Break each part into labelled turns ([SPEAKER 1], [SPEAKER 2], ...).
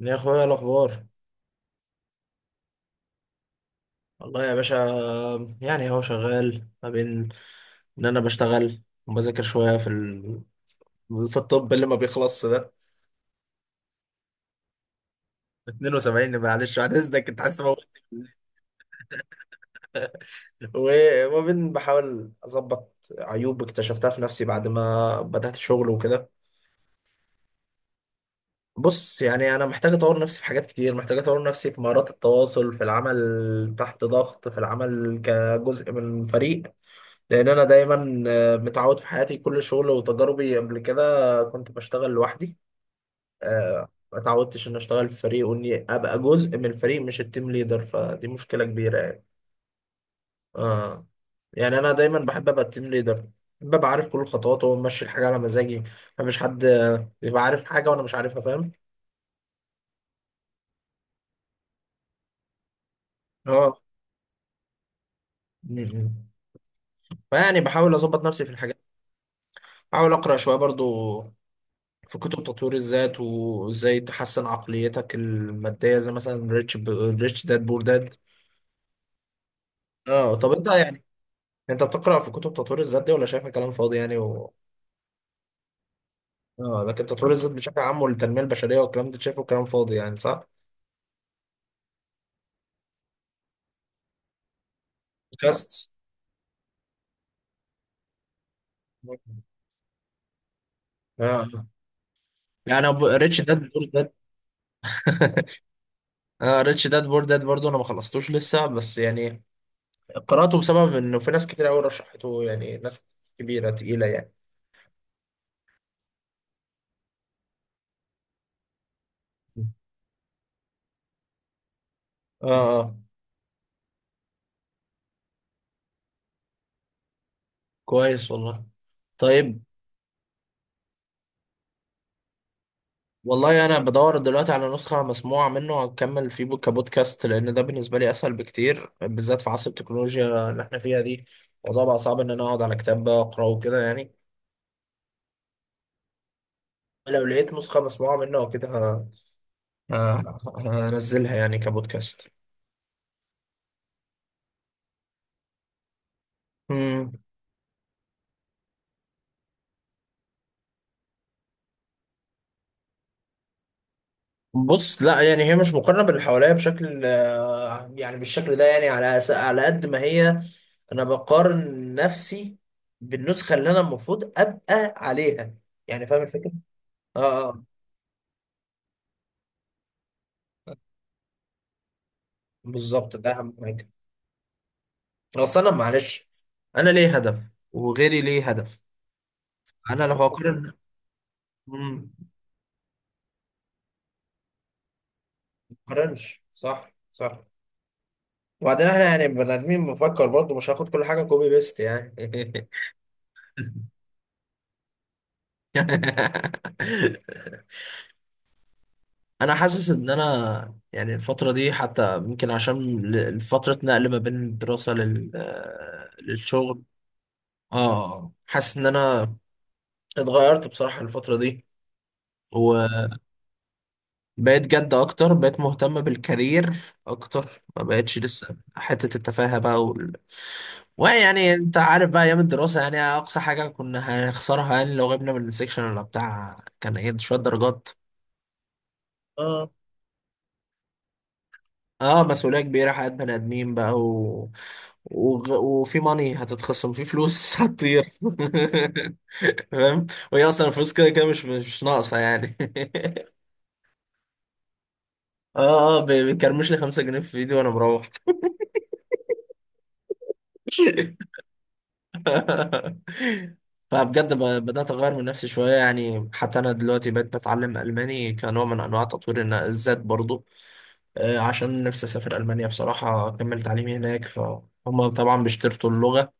[SPEAKER 1] يا اخويا، إيه الاخبار؟ والله يا باشا، يعني هو شغال ما بين ان انا بشتغل وبذاكر شويه في الطب اللي ما بيخلصش ده. 72، معلش بعد اذنك، انت عايز تموت؟ وما بين بحاول اظبط عيوب اكتشفتها في نفسي بعد ما بدات الشغل وكده. بص يعني انا محتاج اطور نفسي في حاجات كتير، محتاج اطور نفسي في مهارات التواصل، في العمل تحت ضغط، في العمل كجزء من فريق. لان انا دايما متعود في حياتي، كل شغل وتجاربي قبل كده كنت بشتغل لوحدي. ما اتعودتش ان اشتغل في فريق، واني ابقى جزء من الفريق مش التيم ليدر، فدي مشكله كبيره يعني. اه، يعني انا دايما بحب ابقى التيم ليدر، ببقى عارف كل الخطوات وماشي الحاجه على مزاجي. مفيش حد يبقى عارف حاجه وانا مش عارفها، فاهم. اه. م- م. فيعني بحاول اظبط نفسي في الحاجات. بحاول اقرا شويه برضو، في كتب تطوير الذات وازاي تحسن عقليتك المادية، زي مثلا ريتش داد بور داد. اه، طب انت يعني، انت بتقرأ في كتب تطوير الذات دي ولا شايفها كلام فاضي يعني اه، لكن تطوير الذات بشكل عام والتنمية البشرية والكلام ده شايفه كلام فاضي يعني، صح؟ بودكاست. اه، يعني ريتش داد بور داد. اه، ريتش داد بور داد برضه انا ما خلصتوش لسه، بس يعني قرأته بسبب انه في ناس كتير قوي رشحته، يعني ناس كبيرة تقيلة يعني. اه. اه، كويس والله. طيب. والله انا بدور دلوقتي على نسخه مسموعه منه، هكمل فيه كبودكاست، لان ده بالنسبه لي اسهل بكتير بالذات في عصر التكنولوجيا اللي احنا فيها دي. الموضوع بقى صعب ان انا اقعد على كتاب اقراه وكده يعني. لو لقيت نسخه مسموعه منه او كده، هنزلها يعني كبودكاست. مم. بص، لا يعني هي مش مقارنه باللي حواليا بشكل، يعني بالشكل ده، يعني على قد ما هي، انا بقارن نفسي بالنسخه اللي انا المفروض ابقى عليها، يعني فاهم الفكره. اه. آه. بالظبط، ده اهم حاجه. اصل انا معلش، انا ليه هدف وغيري ليه هدف. انا لو هقارن، مم، ما اقارنش. صح، صح. وبعدين احنا يعني بني ادمين بنفكر برضه، مش هاخد كل حاجه كوبي بيست يعني. انا حاسس ان انا، يعني الفتره دي حتى يمكن عشان فتره نقل ما بين الدراسه لل آه، للشغل. اه. حاسس ان انا اتغيرت بصراحه الفتره دي. بقيت جد اكتر، بقيت مهتم بالكارير اكتر، ما بقتش لسه حتة التفاهة بقى ويعني انت عارف بقى، ايام الدراسة يعني اقصى حاجة كنا هنخسرها يعني لو غبنا من السكشن ولا بتاع، كان ايه، شوية درجات. اه. اه، مسؤولية كبيرة، حياة بني ادمين بقى وفي ماني هتتخصم، في فلوس هتطير. فاهم. وهي اصلا الفلوس كده كده مش ناقصة يعني. اه. اه، بيكرمش لي 5 جنيه في ايدي وانا مروح. فبجد بدأت أغير من نفسي شوية يعني، حتى أنا دلوقتي بقيت بتعلم ألماني كنوع من أنواع تطوير الذات برضو. عشان نفسي أسافر ألمانيا بصراحة أكمل تعليمي هناك، فهم طبعا بيشترطوا اللغة.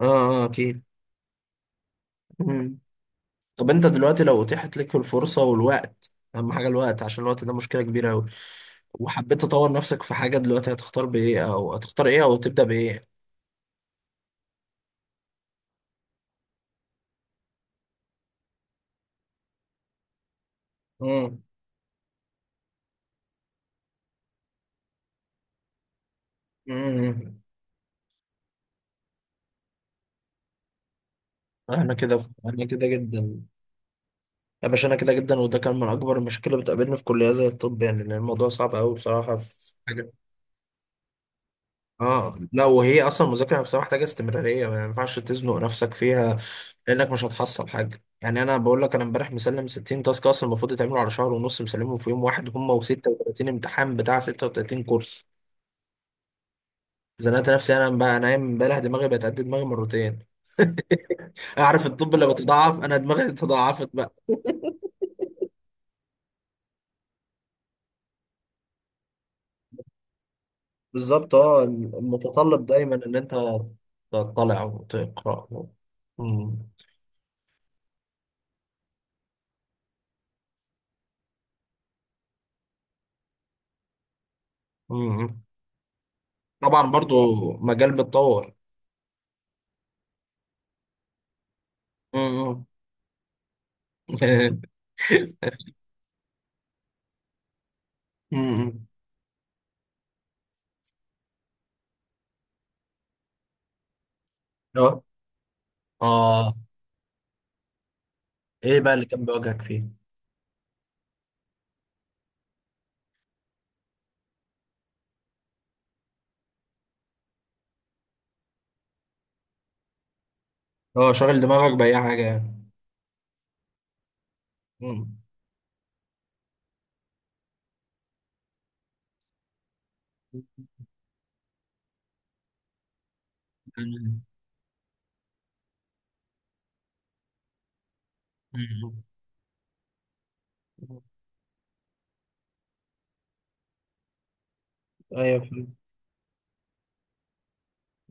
[SPEAKER 1] آه. آه، أكيد. مم. طب أنت دلوقتي لو أتيحت لك الفرصة والوقت، أهم حاجة الوقت عشان الوقت ده مشكلة كبيرة أوي، وحبيت تطور نفسك في حاجة دلوقتي، هتختار بإيه أو هتختار إيه أو تبدأ بإيه؟ مم. مم. أنا كده، أنا كده جدا. يا باشا انا كده جدا، وده كان من اكبر المشاكل اللي بتقابلني في كليه زي الطب يعني، لان الموضوع صعب قوي بصراحه في حاجه. اه، لا وهي اصلا المذاكره نفسها محتاجه استمراريه، ما ينفعش تزنق نفسك فيها، لانك مش هتحصل حاجه يعني. انا بقول لك، انا امبارح مسلم 60 تاسك اصلا المفروض يتعملوا على شهر ونص، مسلمهم في يوم واحد، هم و36 امتحان بتاع 36 كورس. زنقت نفسي انا بقى. انا امبارح دماغي بقت قد دماغي مرتين. اعرف الطب لما بتضعف انا دماغي تضاعفت. بالظبط، اه، المتطلب دايما ان انت تطلع وتقرا. مم. مم. طبعا، برضو مجال بيتطور. مم. مم. اه. اه، ايه بقى اللي كان بيواجهك فيه؟ اه، شاغل دماغك باي حاجه يعني. مم. مم. مم. ايوه، فهمت.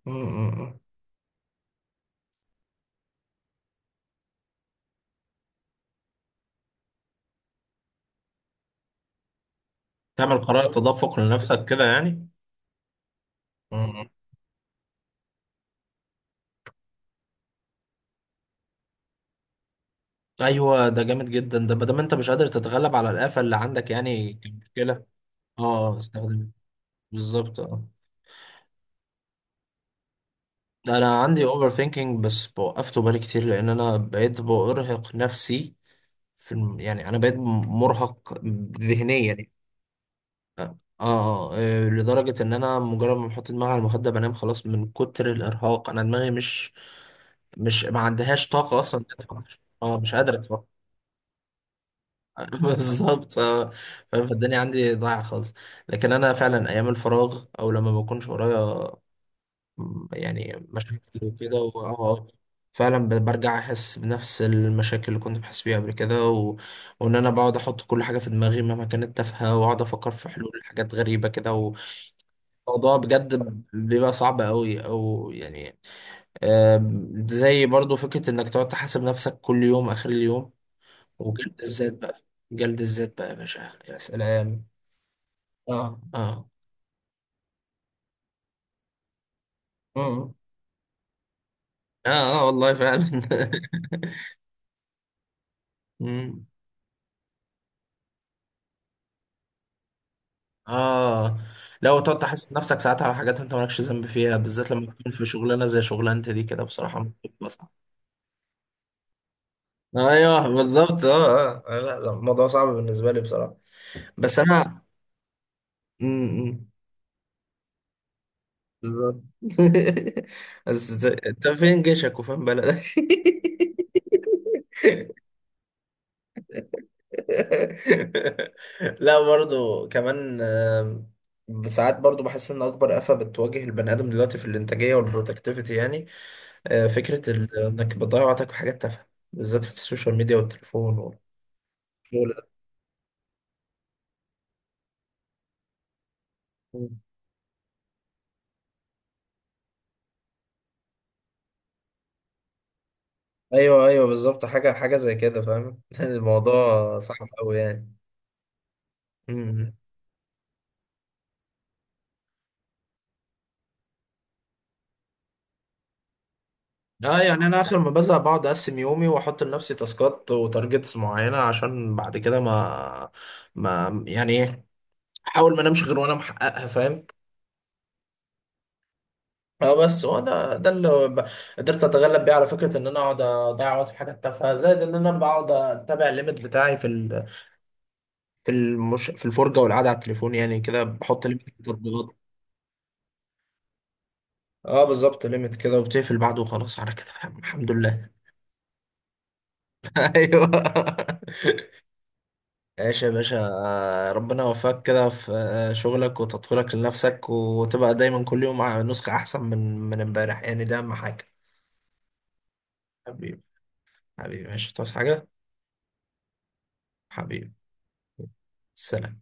[SPEAKER 1] مم. تعمل قرار تدفق لنفسك كده يعني. مم. ايوه، ده جامد جدا، ده ما دام انت مش قادر تتغلب على الآفة اللي عندك يعني كمشكلة. اه، استخدمها. بالظبط اه. انا عندي اوفر ثينكينج بس وقفته بالي كتير، لان انا بقيت بارهق نفسي يعني انا بقيت مرهق، ذهنيا يعني. اه. اه. لدرجة ان انا مجرد ما بحط دماغي على المخدة بنام خلاص، من كتر الارهاق انا دماغي مش مش ما عندهاش طاقة اصلا إنها تفكر، اه مش قادرة تفكر. بالظبط اه. فاهم. فالدنيا عندي ضايعة خالص. لكن انا فعلا ايام الفراغ او لما ما بكونش ورايا يعني مشاكل وكده اه، آه، فعلا برجع احس بنفس المشاكل اللي كنت بحس بيها قبل كده، و... وان انا بقعد احط كل حاجه في دماغي مهما كانت تافهه، واقعد افكر في حلول حاجات غريبه كده. وموضوع بجد بيبقى صعب قوي او يعني. زي برضو فكره انك تقعد تحاسب نفسك كل يوم اخر اليوم، وجلد الذات بقى. جلد الذات بقى يا باشا، يا سلام. اه. اه. اه. اه. آه والله فعلا. مم. اه، لو تقعد تحاسب نفسك ساعات على حاجات انت مالكش ذنب فيها، بالذات لما تكون في شغلانه زي شغلانتي دي كده بصراحه بتبقى صعبة. ايوه، بالظبط. اه. اه. آه. لا لا، الموضوع صعب بالنسبه لي بصراحه. بس انا م- م. بالظبط. بس انت فين جيشك وفين بلدك. لا برضو كمان، ساعات برضو بحس ان اكبر آفة بتواجه البني ادم دلوقتي في الانتاجيه والبرودكتيفيتي يعني. فكرة إنك بتضيع وقتك في حاجات تافهة، بالذات في السوشيال ميديا والتليفون والشغل ده. مم. أيوه، أيوه، بالظبط. حاجة حاجة زي كده، فاهم. الموضوع صعب أوي يعني. مم. اه، يعني انا اخر ما بزهق بقعد اقسم يومي واحط لنفسي تاسكات وتارجتس معينه، عشان بعد كده ما يعني ايه، احاول ما انامش غير وانا محققها، فاهم. اه، بس هو ده اللي قدرت اتغلب بيه على فكره ان انا اقعد اضيع وقت في حاجات تافهه، زائد ان انا بقعد اتابع الليميت بتاعي في الفرجة والقعدة على التليفون، يعني كده بحط ليميت للتطبيقات. اه، بالظبط، ليميت كده وبتقفل بعده وخلاص على كده. الحمد لله. ايوه. ايش يا باشا، ربنا يوفقك كده في شغلك وتطويرك لنفسك، وتبقى دايما كل يوم مع نسخة احسن من امبارح، يعني ده اهم حاجة. حبيبي. حبيبي، ماشي، تصحى حاجة؟ حبيبي. سلام.